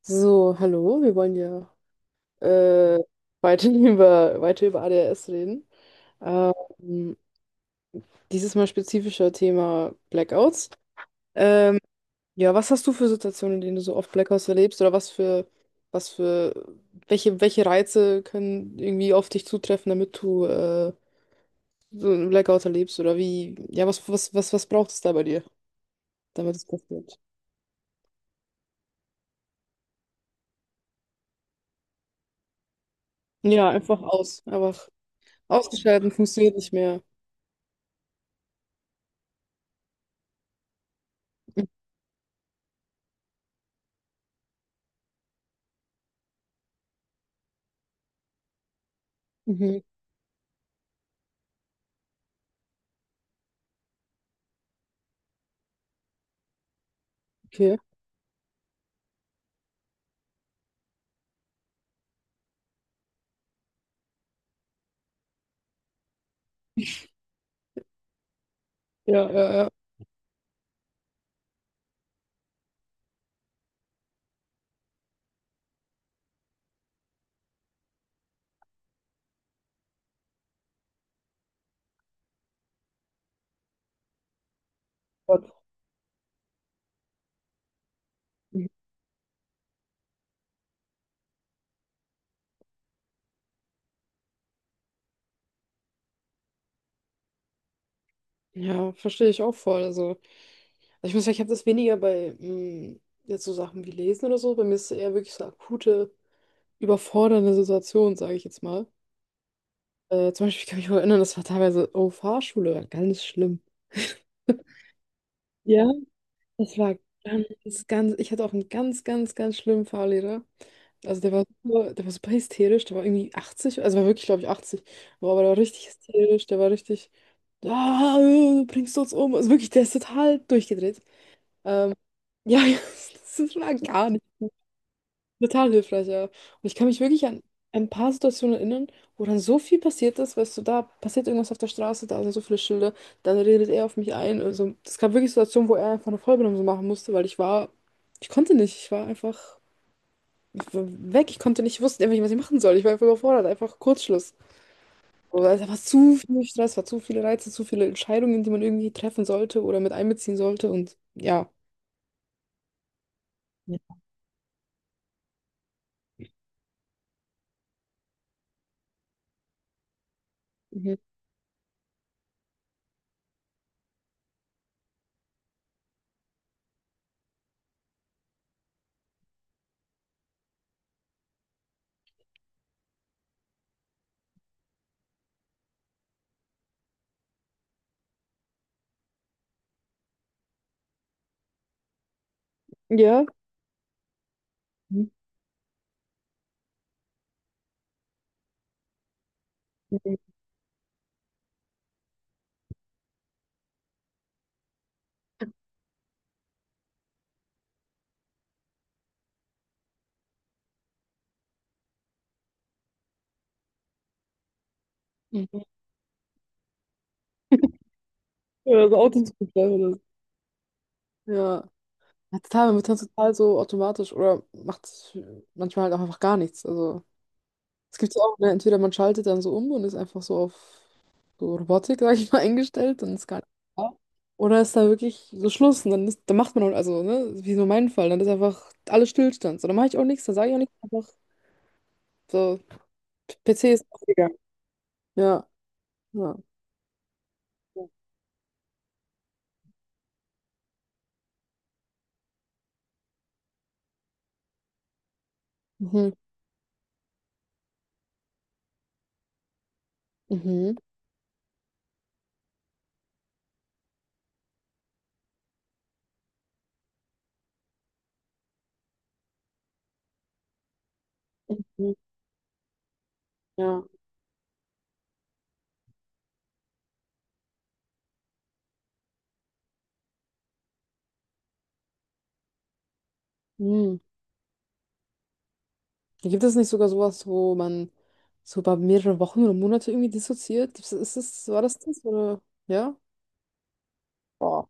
So, hallo, wir wollen ja äh, weiter über ADHS reden. Ähm, Dieses Mal spezifischer Thema Blackouts. Ähm, ja, was hast du für Situationen, in denen du so oft Blackouts erlebst oder was für, welche Reize können irgendwie auf dich zutreffen, damit du so einen Blackout erlebst oder wie, ja, was braucht es da bei dir, damit es passiert? Ja, einfach aus, einfach ausgeschalten, funktioniert nicht mehr. Mhm, mhm, okay. Ja, ja, ja. Gott. Ja, verstehe ich auch voll. Also ich muss sagen, ich habe das weniger bei jetzt so Sachen wie Lesen oder so. Bei mir ist es eher wirklich so akute, überfordernde Situation, sage ich jetzt mal. Zum Beispiel, ich kann mich noch erinnern, das war teilweise, oh, Fahrschule, war ganz schlimm. Ja, das war ganz, ganz, ich hatte auch einen ganz, ganz, ganz schlimmen Fahrlehrer. Also der war super hysterisch, der war irgendwie 80, also war wirklich, glaube ich, 80, aber der war richtig hysterisch, der war richtig, ah, bringst du uns um? Also wirklich, der ist total durchgedreht. Ähm, Ja, ja, das ist mal gar nicht gut. Total hilfreich, ja. Und ich kann mich wirklich an ein paar Situationen erinnern, wo dann so viel passiert ist, weißt du, da passiert irgendwas auf der Straße, da sind so viele Schilder, dann redet er auf mich ein. Also, es gab wirklich Situationen, wo er einfach eine Vollbremsung machen musste, weil ich war, ich konnte nicht, ich war einfach ich war weg, ich konnte nicht, ich wusste einfach nicht, was ich machen soll. Ich war einfach überfordert, einfach Kurzschluss. Oder es war zu viel Stress, war zu viele Reize, zu viele Entscheidungen, die man irgendwie treffen sollte oder mit einbeziehen sollte und ja. Ja. Mhm. Ja. Mhm. Ja, so Autoscooter oder so. Ja. Ja, total, man wird dann total so automatisch oder macht manchmal halt auch einfach gar nichts. Also es gibt ja auch, ne, entweder man schaltet dann so um und ist einfach so auf so Robotik, sag ich mal, eingestellt und ist gar nicht da. Oder ist da wirklich so Schluss und dann, ist, dann macht man, auch- also, ne, wie so mein Fall, dann ist einfach alles Stillstand. So, dann mache ich auch nichts, dann sage ich auch nichts, einfach so, PC ist ausgegangen. Ja, ja. Ja. Mhm. Mhm. Mhm. Mhm. Ja. Mhm. Gibt es nicht sogar sowas, wo man so über mehrere Wochen oder Monate irgendwie dissoziiert? Gibt's, ist es, war das das? Oder ja? Boah.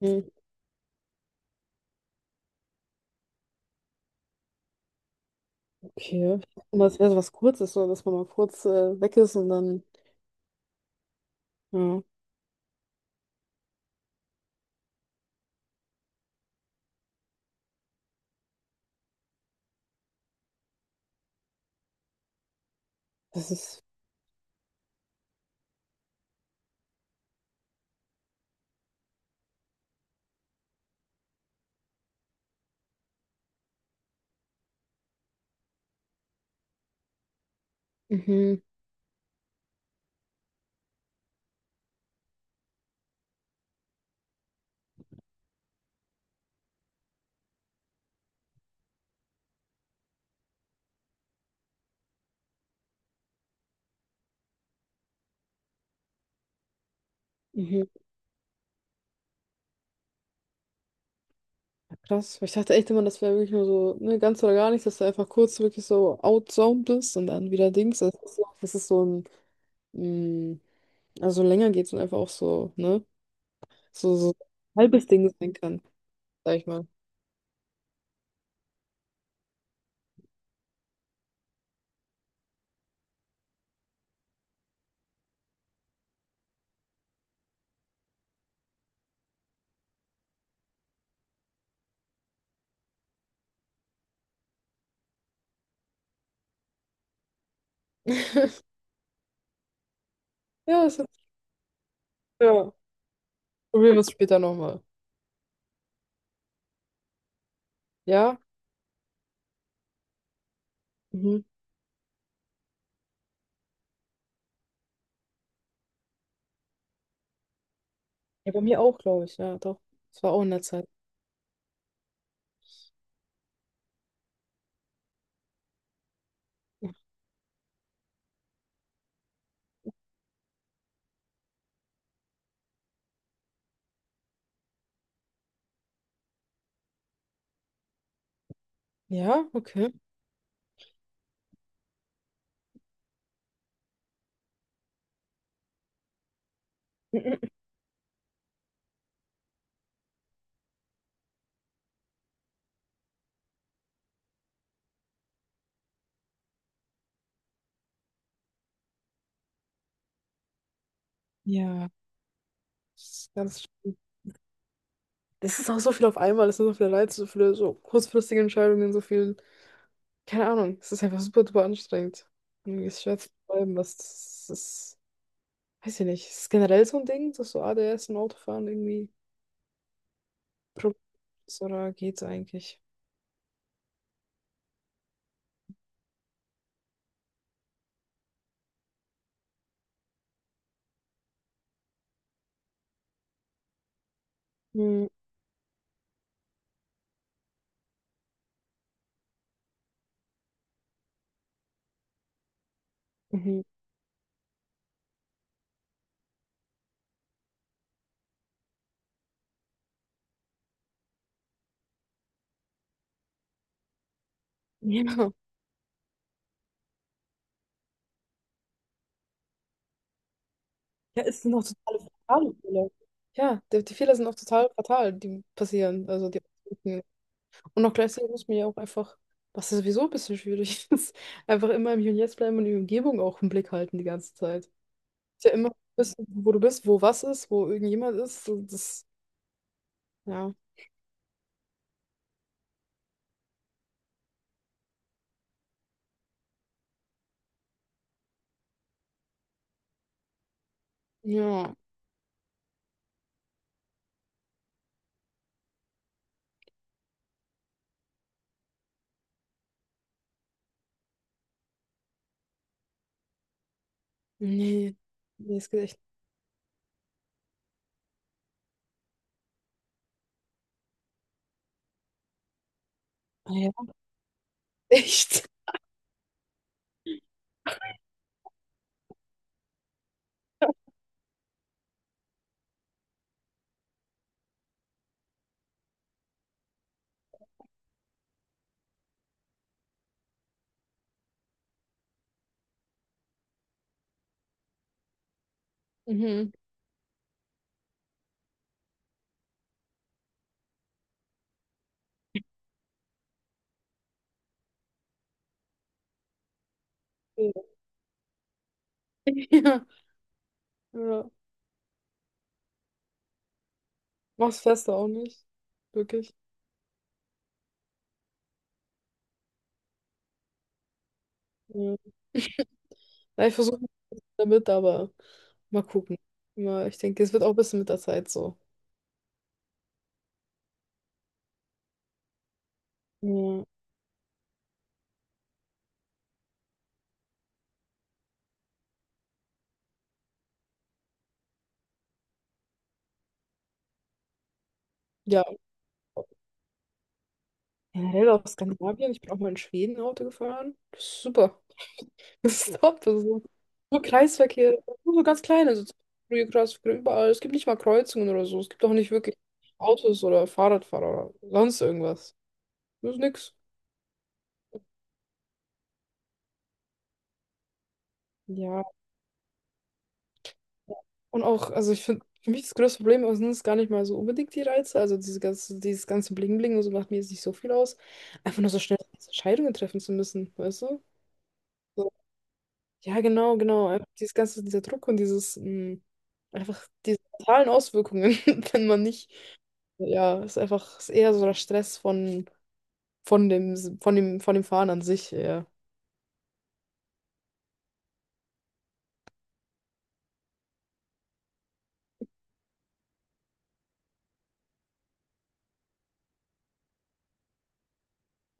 Hm, okay. Und das wäre so was Kurzes, so dass man mal kurz weg ist und dann, ja, das ist. Mhm, mhm. Ja, krass. Weil ich dachte echt immer, das wäre wirklich nur so, ne, ganz oder gar nichts, dass du einfach kurz wirklich so outzoomed bist und dann wieder Dings. Das ist so ein, mh, also länger geht's und einfach auch so, ne? So, so ein halbes Ding sein kann, sag ich mal. Ja, das ja, probieren wir es später nochmal. Ja? Mhm. Ja, bei mir auch, glaube ich. Ja, doch. Das war auch in der Zeit. Ja, okay. Ja, das ist ganz schön. Das ist auch so viel auf einmal, das sind so viele Reize, so viele so kurzfristige Entscheidungen, so viel, keine Ahnung, es ist einfach super, super anstrengend. Irgendwie ist schwer zu beschreiben, was das ist, weiß ich nicht, ist generell so ein Ding, dass so ADS und Autofahren irgendwie Problem ist oder geht's eigentlich? Mhm. Mhm. Ja. Ja, es sind auch totale fatale Fehler. Ja, die, die Fehler sind auch total fatal, die passieren. Also die und auch gleichzeitig muss man ja auch einfach, was ja sowieso ein bisschen schwierig ist, einfach immer im Hier und Jetzt bleiben und die Umgebung auch im Blick halten die ganze Zeit. Ist ja immer wissen, wo du bist, wo was ist, wo irgendjemand ist. Und das, ja. Ja. Nee. Nee, es geht echt. Ah, ja. Echt? Mhm. Ja. Ja. Ja. Mach's fester auch nicht. Wirklich. Ja. Ja, ich versuche damit, aber mal gucken. Ja, ich denke, es wird auch ein bisschen mit der Zeit so. Ja, ja, generell auch Skandinavien. Ich bin auch mal in Schweden Auto gefahren. Das ist super. Das ist top. Das ist so nur Kreisverkehr, nur so ganz kleine also Kreisverkehr überall. Es gibt nicht mal Kreuzungen oder so. Es gibt auch nicht wirklich Autos oder Fahrradfahrer oder sonst irgendwas. Das ist nix. Ja, und auch, also ich finde, für mich das größte Problem sind es gar nicht mal so unbedingt die Reize. Also diese ganze, dieses ganze Bling-Bling und so macht mir jetzt nicht so viel aus. Einfach nur so schnell Entscheidungen treffen zu müssen, weißt du? So. Ja, genau, genau. Einfach dieses ganze, dieser Druck und dieses, einfach diese mentalen Auswirkungen, wenn man nicht, ja, ist einfach, ist eher so der Stress von, von dem Fahren an sich, ja.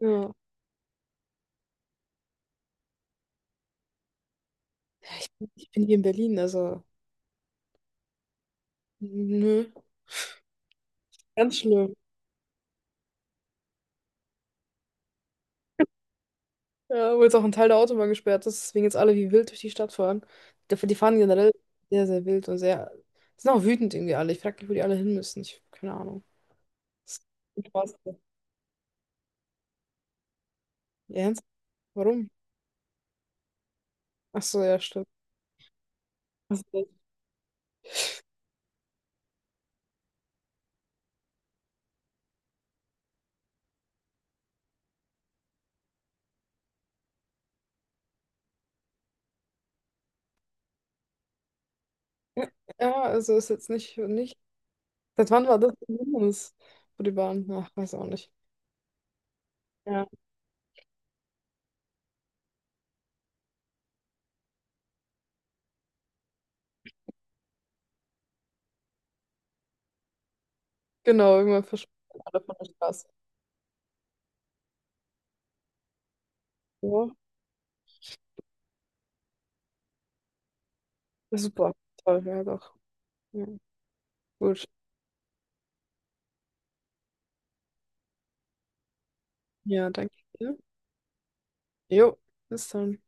Ja, ja, bin- ich bin hier in Berlin, also, nö, ganz schlimm. Ja, wo jetzt auch ein Teil der Autobahn gesperrt ist, deswegen jetzt alle wie wild durch die Stadt fahren. Die, die fahren generell sehr, sehr wild und sehr. Sind auch wütend irgendwie alle. Ich frage mich, wo die alle hin müssen. Ich, keine Ahnung. Das ist Spaß. Ja, ernst? Warum? Ach so, ja, stimmt. Also, ja, also ist jetzt nicht, nicht. Seit wann war das ein Hindernis für die Bahn? Ach, weiß auch nicht. Ja. Genau, irgendwann verschwinden alle von der Straße. Ja, super. Toll, ja, doch. Ja, gut. Ja, danke dir. Jo, bis dann.